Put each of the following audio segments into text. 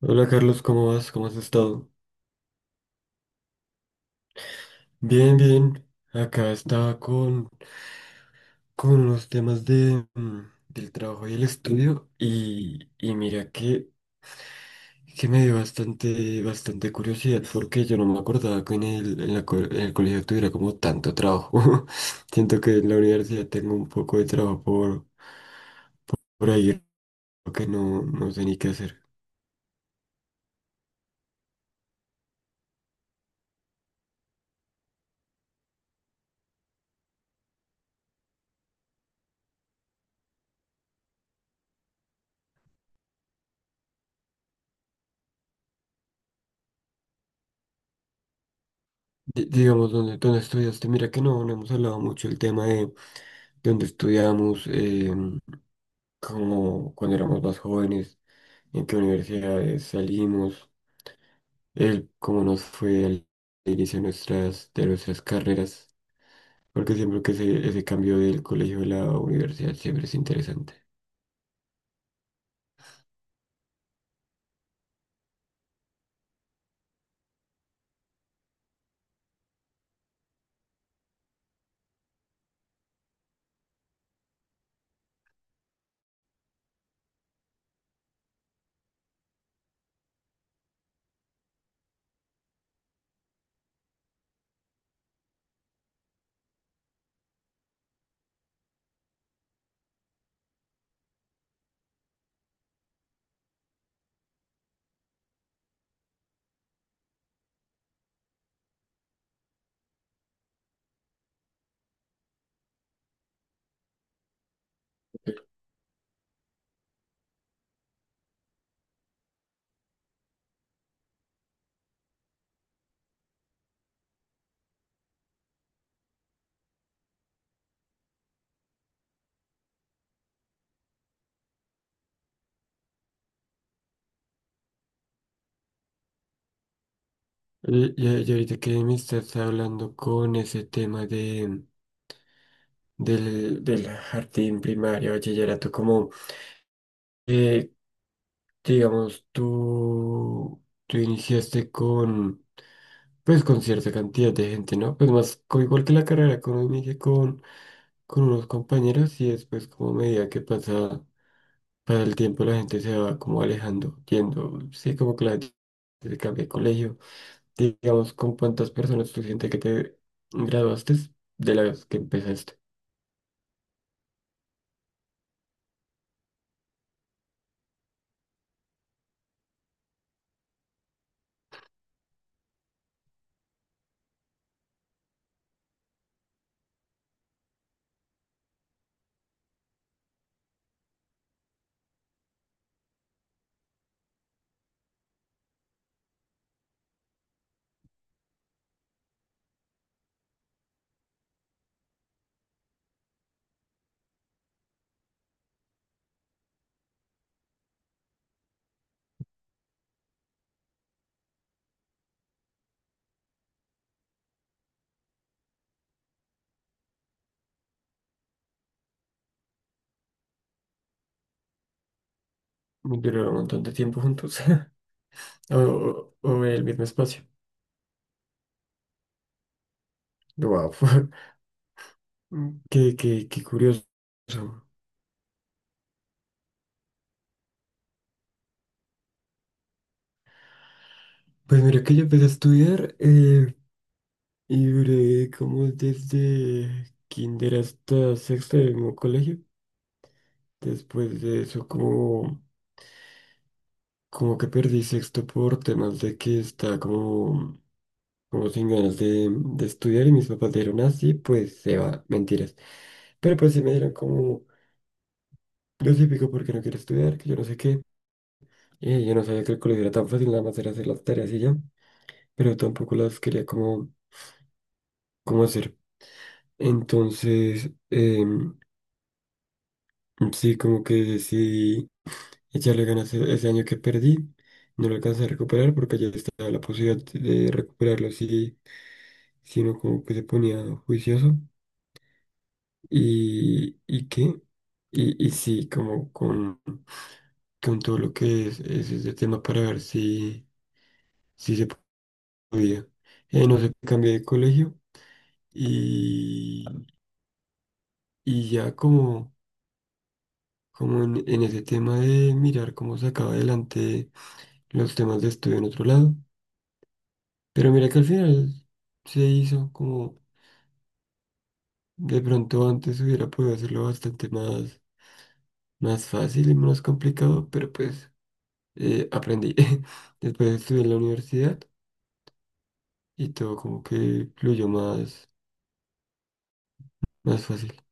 Hola Carlos, ¿cómo vas? ¿Cómo has estado? Bien, bien. Acá estaba con los temas de del trabajo y el estudio y mira que me dio bastante curiosidad porque yo no me acordaba que en en la en el colegio tuviera como tanto trabajo. Siento que en la universidad tengo un poco de trabajo por ahí que no sé ni qué hacer. Digamos, dónde estudiaste? Mira que no hemos hablado mucho el tema de dónde estudiamos. Como cuando éramos más jóvenes, en qué universidades salimos, el cómo nos fue al inicio de de nuestras carreras, porque siempre que ese cambio del colegio a la universidad siempre es interesante. Y ahorita que me estás hablando con ese tema del jardín primario, bachillerato, como, eh, digamos, tú iniciaste con pues con cierta cantidad de gente, ¿no? Pues más, igual que la carrera, como inicié con unos compañeros y después como a medida que pasa el tiempo la gente se va como alejando, yendo, sí, como que la gente se cambia de colegio. Digamos, ¿con cuántas personas tú sientes que te graduaste de las que empezaste? Duraron un montón de tiempo juntos. O en el mismo espacio. Wow, qué curioso. Pues mira que yo empecé a estudiar. Y duré como desde kinder hasta sexto del mismo colegio. Después de eso, como, como que perdí sexto por temas de que estaba como, como sin ganas de estudiar y mis papás dijeron así, pues se va, mentiras. Pero pues sí me dieron como lo típico porque no quiero estudiar, que yo no sé qué. Y yo no sabía que el colegio era tan fácil, nada más era hacer las tareas y ya, pero tampoco las quería como, como hacer. Entonces, sí, como que decidí echarle ganas ese año que perdí, no lo alcancé a recuperar porque ya estaba la posibilidad de recuperarlo si uno como que se ponía juicioso. ¿Y qué? Y sí, como con todo lo que es ese tema para ver si se podía. No sé, cambié de colegio y, y ya como, como en ese tema de mirar cómo sacaba adelante los temas de estudio en otro lado. Pero mira que al final se hizo como de pronto antes hubiera podido hacerlo más fácil y menos complicado, pero pues aprendí. Después estudié en la universidad y todo como que fluyó más fácil.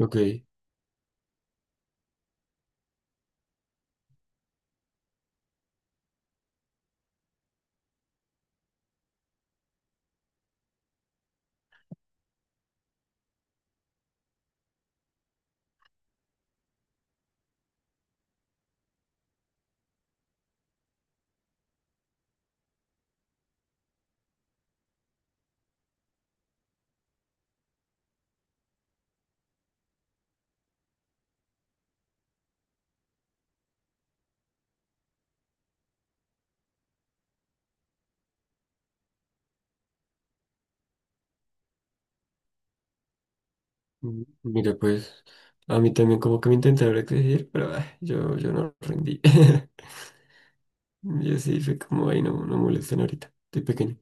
Ok. Mira, pues a mí también como que me intentaron exigir, pero ah, yo no rendí. Y así fue como, ay no, no molesten ahorita, estoy pequeño.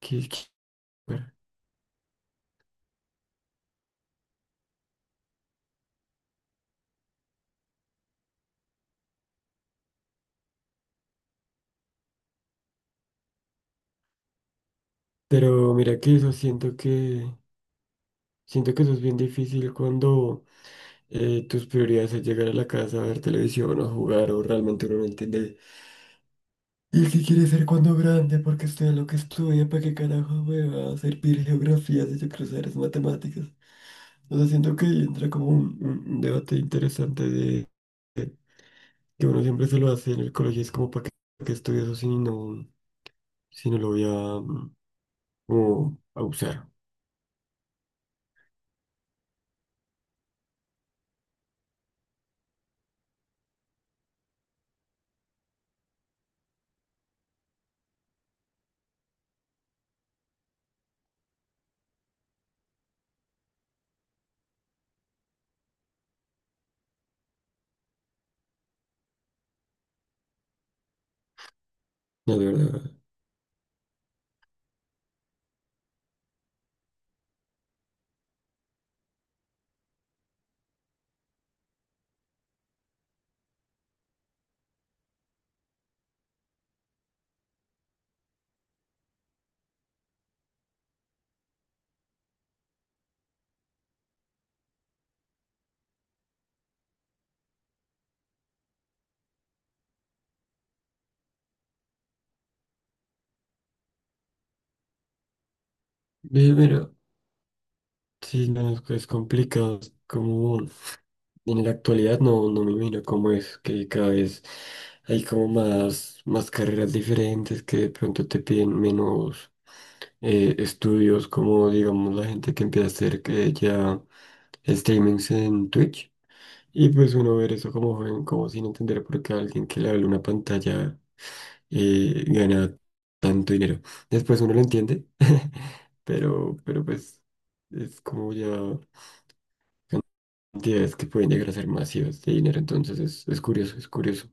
Qué- qué- Pero mira que eso siento siento que eso es bien difícil cuando... tus prioridades es llegar a la casa a ver televisión o jugar o realmente uno no entiende. ¿Y qué quiere ser cuando grande? Porque estudia lo que estudia, ¿para qué carajo me va a servir geografía si yo quiero saber es matemáticas? O sea, siento que ahí entra como un, un debate interesante de que uno siempre se lo hace en el colegio, es como para qué estudio eso si si no lo voy a como a usar. No, de verdad. Mira, sí, no, es complicado, es como... En la actualidad no me imagino cómo es que cada vez hay como más, más carreras diferentes que de pronto te piden menos estudios, como digamos la gente que empieza a hacer que ya streamings en Twitch. Y pues uno ver eso como joven, como sin entender por qué alguien que le habla una pantalla gana tanto dinero. Después uno lo entiende, pero pues es como ya cantidades que pueden llegar a ser masivas de dinero. Entonces es curioso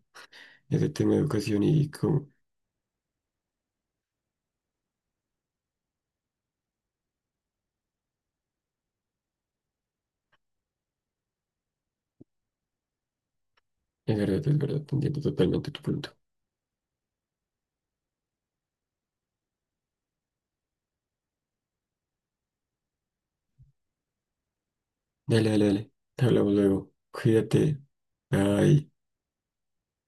ese tema de educación y cómo. Es verdad, entiendo totalmente tu punto. Dale, dale, dale. Hablamos luego. Cuídate. Bye.